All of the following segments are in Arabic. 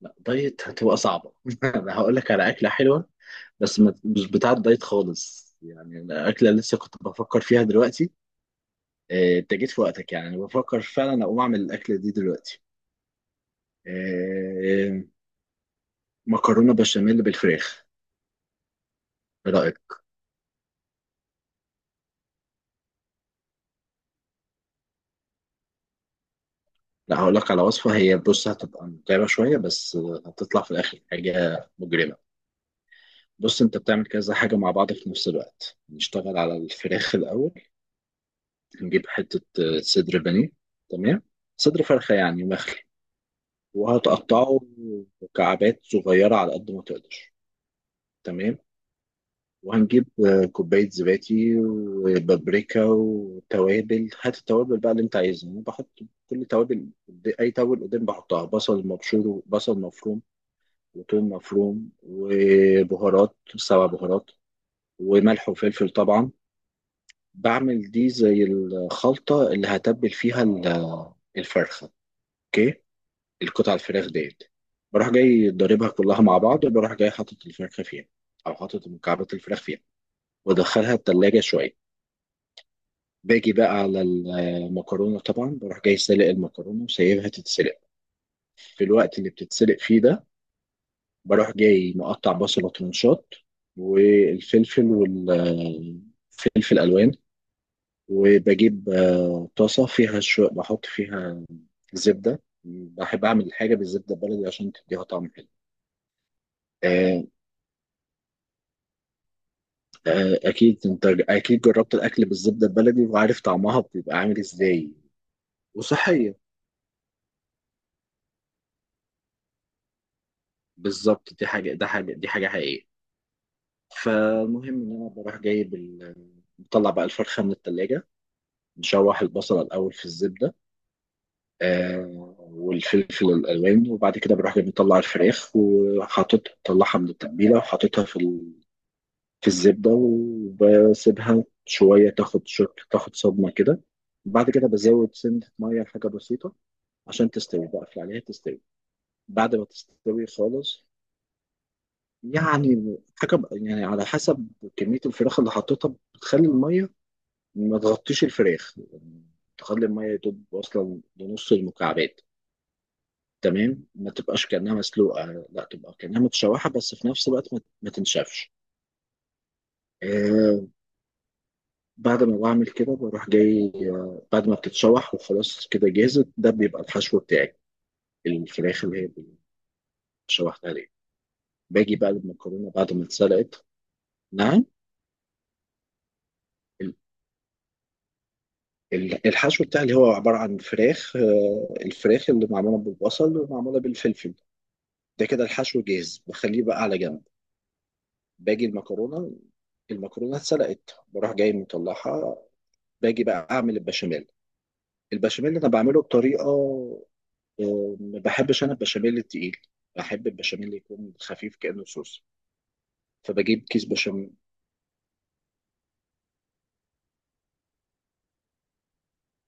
لا دايت هتبقى صعبة أنا هقول لك على أكلة حلوة بس مش بتاعة دايت خالص، يعني الأكلة اللي لسه كنت بفكر فيها دلوقتي. أنت جيت في وقتك، يعني أنا بفكر فعلا أقوم أعمل الأكلة دي دلوقتي. آه، مكرونة بشاميل بالفراخ. إيه رأيك؟ لا، هقول لك على وصفة، هي بص هتبقى متعبة شوية بس هتطلع في الآخر حاجة مجرمة. بص، أنت بتعمل كذا حاجة مع بعض في نفس الوقت. نشتغل على الفراخ الأول، نجيب حتة صدر بانيه، تمام، صدر فرخة يعني مخلي، وهتقطعه مكعبات صغيرة على قد ما تقدر. تمام. وهنجيب كوباية زبادي وبابريكا وتوابل، هات التوابل بقى اللي انت عايزها، انا بحط كل توابل قد- اي توابل قدام بحطها، بصل مبشور وبصل مفروم وتوم مفروم وبهارات 7 بهارات وملح وفلفل طبعا. بعمل دي زي الخلطة اللي هتبل فيها الفرخة. اوكي، القطع الفراخ ديت بروح جاي ضاربها كلها مع بعض، وبروح جاي حاطط الفرخة فيها، أو حاطط مكعبات الفراخ فيها، وأدخلها التلاجة شوية. باجي بقى على المكرونة، طبعا بروح جاي سالق المكرونة وسايبها تتسلق. في الوقت اللي بتتسلق فيه ده بروح جاي مقطع بصلة ترنشات، والفلفل ألوان. وبجيب طاسة فيها شو، بحط فيها زبدة، بحب أعمل حاجة بالزبدة البلدي عشان تديها طعم حلو. آه، اكيد انت اكيد جربت الاكل بالزبده البلدي وعارف طعمها بيبقى عامل ازاي، وصحيه. بالظبط، دي حاجه حقيقيه. فالمهم ان انا بروح جايب بطلع بقى الفرخه من التلاجة، نشوح البصل الاول في الزبده، آه، والفلفل الالوان. وبعد كده بروح جاي مطلع الفراخ وحاطط، طلعها من التتبيله وحاططها في الزبده، وبسيبها شويه تاخد صدمه كده. بعد كده بزود سنة مية حاجة بسيطة عشان تستوي، بقفل عليها تستوي. بعد ما تستوي خالص، يعني على حسب كمية الفراخ اللي حطيتها، بتخلي المية ما تغطيش الفراخ يعني، تخلي المية يدوب أصلا لنص المكعبات، تمام، ما تبقاش كأنها مسلوقة، لا تبقى كأنها متشوحة بس في نفس الوقت ما تنشفش. آه. بعد ما بعمل كده بروح جاي، آه، بعد ما بتتشوح وخلاص كده جاهزة، ده بيبقى الحشو بتاعي، الفراخ اللي هي شوحتها دي. باجي بقى المكرونة بعد ما اتسلقت. نعم. ال- الحشو بتاعي اللي هو عبارة عن فراخ، الفراخ اللي معمولة بالبصل ومعمولة بالفلفل، ده كده الحشو جاهز، بخليه بقى على جنب. باجي المكرونة، المكرونة اتسلقت بروح جاي مطلعها. باجي بقى أعمل البشاميل. البشاميل أنا بعمله بطريقة، ما بحبش أنا البشاميل التقيل، بحب البشاميل يكون خفيف كأنه صوص. فبجيب كيس بشاميل.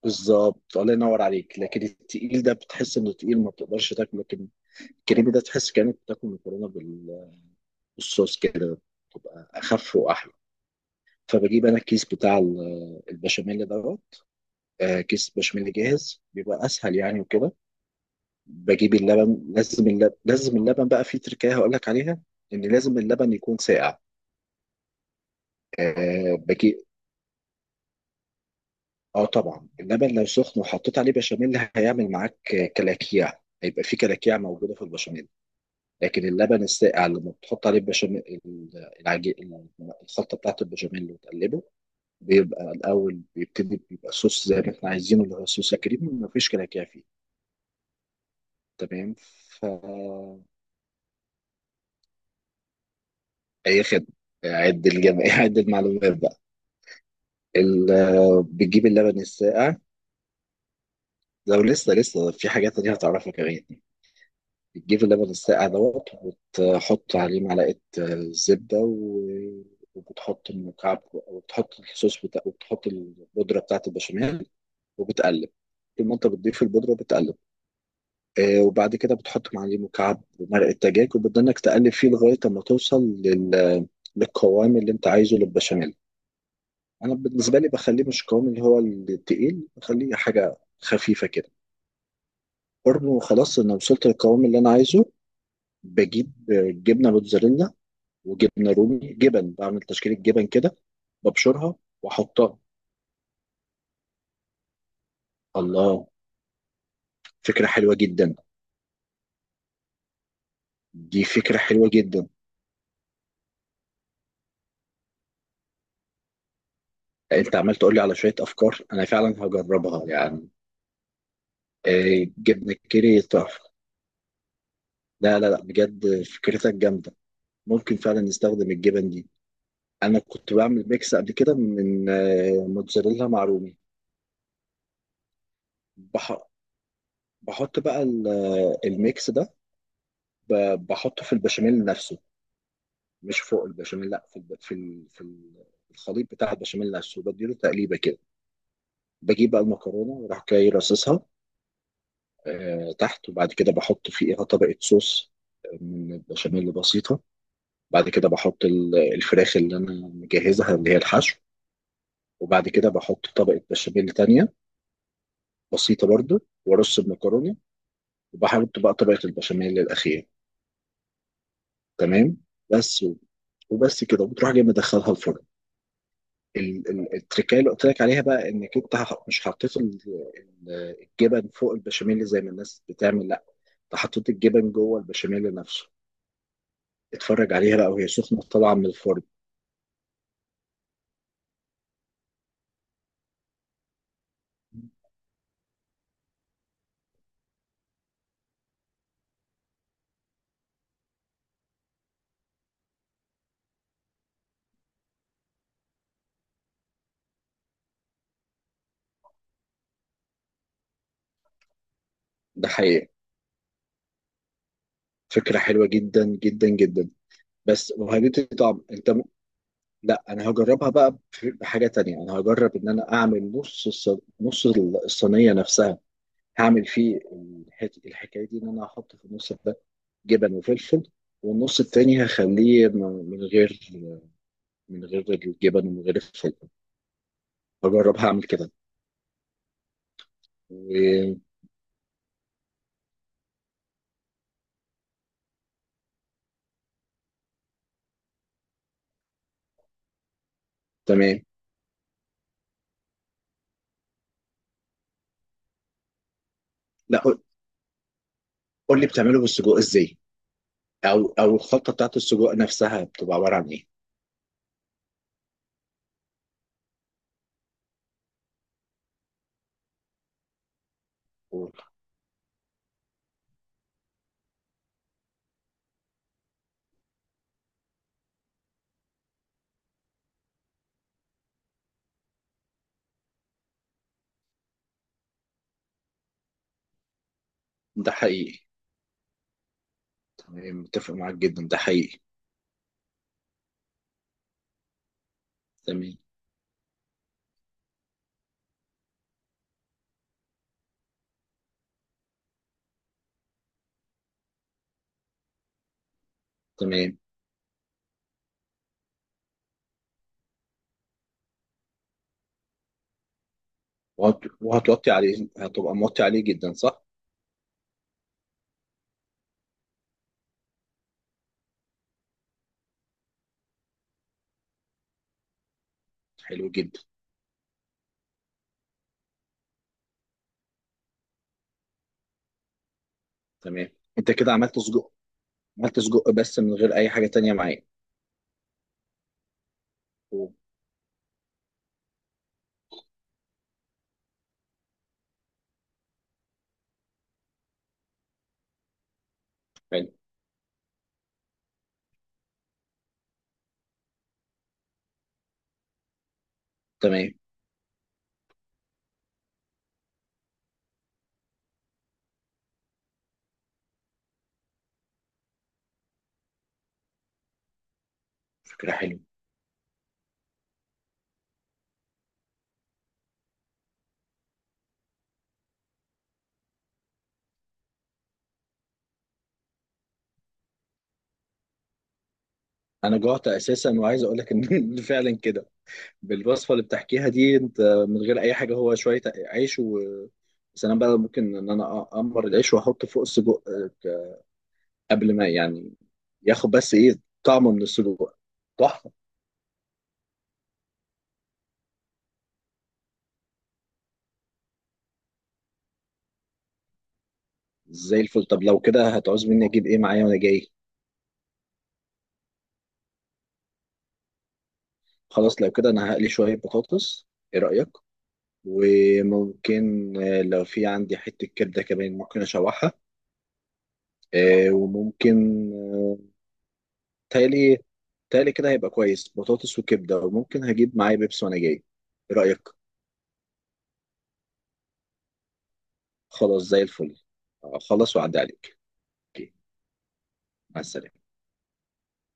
بالظبط، الله ينور عليك، لكن التقيل ده بتحس انه تقيل ما بتقدرش تاكله، لكن الكريمي ده تحس كأنك بتاكل مكرونه، والصوص كده تبقى اخف واحلى. فبجيب انا الكيس بتاع البشاميل دوت. كيس بشاميل جاهز بيبقى اسهل يعني، وكده بجيب اللبن، لازم اللبن بقى في تركايه هقول لك عليها، ان لازم اللبن يكون ساقع. أه بجيب، اه طبعا، اللبن لو سخن وحطيت عليه بشاميل هيعمل معاك كلاكيع، هيبقى في كلاكيع موجوده في البشاميل. لكن اللبن الساقع لما بتحط عليه البشاميل، العجين، الخلطه بتاعت البشاميل وتقلبه، بيبقى الأول بيبتدي بيبقى صوص زي ما احنا عايزينه، اللي هو صوص كريم مفيش كلاكيع فيه. تمام. ف. أي خدمة، عد الجمع عد المعلومات بقى. بتجيب اللبن الساقع، لو لسه في حاجات تانية هتعرفها كمان. بتجيب اللبن الساقع دوت، وتحط عليه معلقة زبدة وبتحط المكعب، وبتحط الصوص بتاع، وبتحط البودرة بتاعة البشاميل وبتقلب. طول ما انت بتضيف البودرة بتقلب. وبعد كده بتحط معليه مكعب مرق الدجاج، وبتضلك تقلب فيه لغايه اما توصل للقوام اللي انت عايزه للبشاميل. انا بالنسبه لي بخليه مش القوام اللي هو التقيل، بخليه حاجه خفيفه كده. برضه خلاص، انا وصلت للقوام اللي انا عايزه. بجيب جبنه موتزاريلا وجبنه رومي، جبن، بعمل تشكيله جبن كده، ببشرها واحطها. الله، فكره حلوه جدا، دي فكره حلوه جدا. انت عمال تقول لي على شويه افكار، انا فعلا هجربها يعني. جبنة كيري تحفة. لا لا لا، بجد فكرتك جامدة، ممكن فعلا نستخدم الجبن دي. أنا كنت بعمل ميكس قبل كده من موتزاريلا مع رومي. بح- بحط بقى الميكس ده، بحطه في البشاميل نفسه، مش فوق البشاميل لا، في الخليط بتاع البشاميل نفسه، بديله تقليبة كده. بجيب بقى المكرونة وراح جاي راصصها تحت. وبعد كده بحط فيها طبقة صوص من البشاميل بسيطة. بعد كده بحط الفراخ اللي انا مجهزها اللي هي الحشو. وبعد كده بحط طبقة بشاميل تانية بسيطة برضو، وارص المكرونة، وبحط بقى طبقة البشاميل الأخيرة. تمام. بس و- وبس كده، وبتروح جاي مدخلها الفرن. التركايه اللي قلت لك عليها بقى، انك انت مش حطيت الجبن فوق البشاميل زي ما الناس بتعمل، لا، انت حطيت الجبن جوه البشاميل نفسه. اتفرج عليها بقى وهي سخنة طالعة من الفرن. ده حقيقة، فكرة حلوة جدا جدا جدا. بس وهتدي طعم لا، انا هجربها بقى، في حاجه تانية انا هجرب ان انا اعمل نص الصينيه نفسها، هعمل فيه الحكايه دي، ان انا هحط في النص ده جبن وفلفل، والنص التاني هخليه من غير، من غير الجبن ومن غير الفلفل، هجرب هعمل كده وتمام. لا قول، قول لي بتعمله بالسجق ازاي، او الخلطه بتاعت السجق نفسها بتبقى عباره عن ايه. قول. ده حقيقي، تمام، متفق معاك جدا، ده حقيقي. تمام تمام. وهتوطي عليه، هتبقى موطي عليه جدا صح؟ حلو جدا. تمام. انت كده عملت سجق، عملت سجق بس من غير اي حاجة تانية معايا. أوه، حلو، تمام، فكرة حلوة. انا جوعت اساسا، وعايز اقول لك ان فعلا كده بالوصفة اللي بتحكيها دي انت، من غير اي حاجة، هو شوية عيش و سلام بقى، ممكن ان انا اقمر العيش واحط فوق السجق، آه، قبل ما يعني ياخد بس ايه طعمه من السجق، تحفة. زي الفل، طب لو كده هتعوز مني اجيب ايه معايا وانا جاي؟ خلاص لو كده انا هقلي شوية بطاطس، ايه رأيك؟ وممكن لو في عندي حتة كبدة كمان ممكن اشوحها. آه، وممكن آه، تالي، تالي كده هيبقى كويس، بطاطس وكبدة، وممكن هجيب معايا بيبس وانا جاي، ايه رأيك؟ خلاص زي الفل. خلاص وعدي عليك. أوكي، مع السلامة.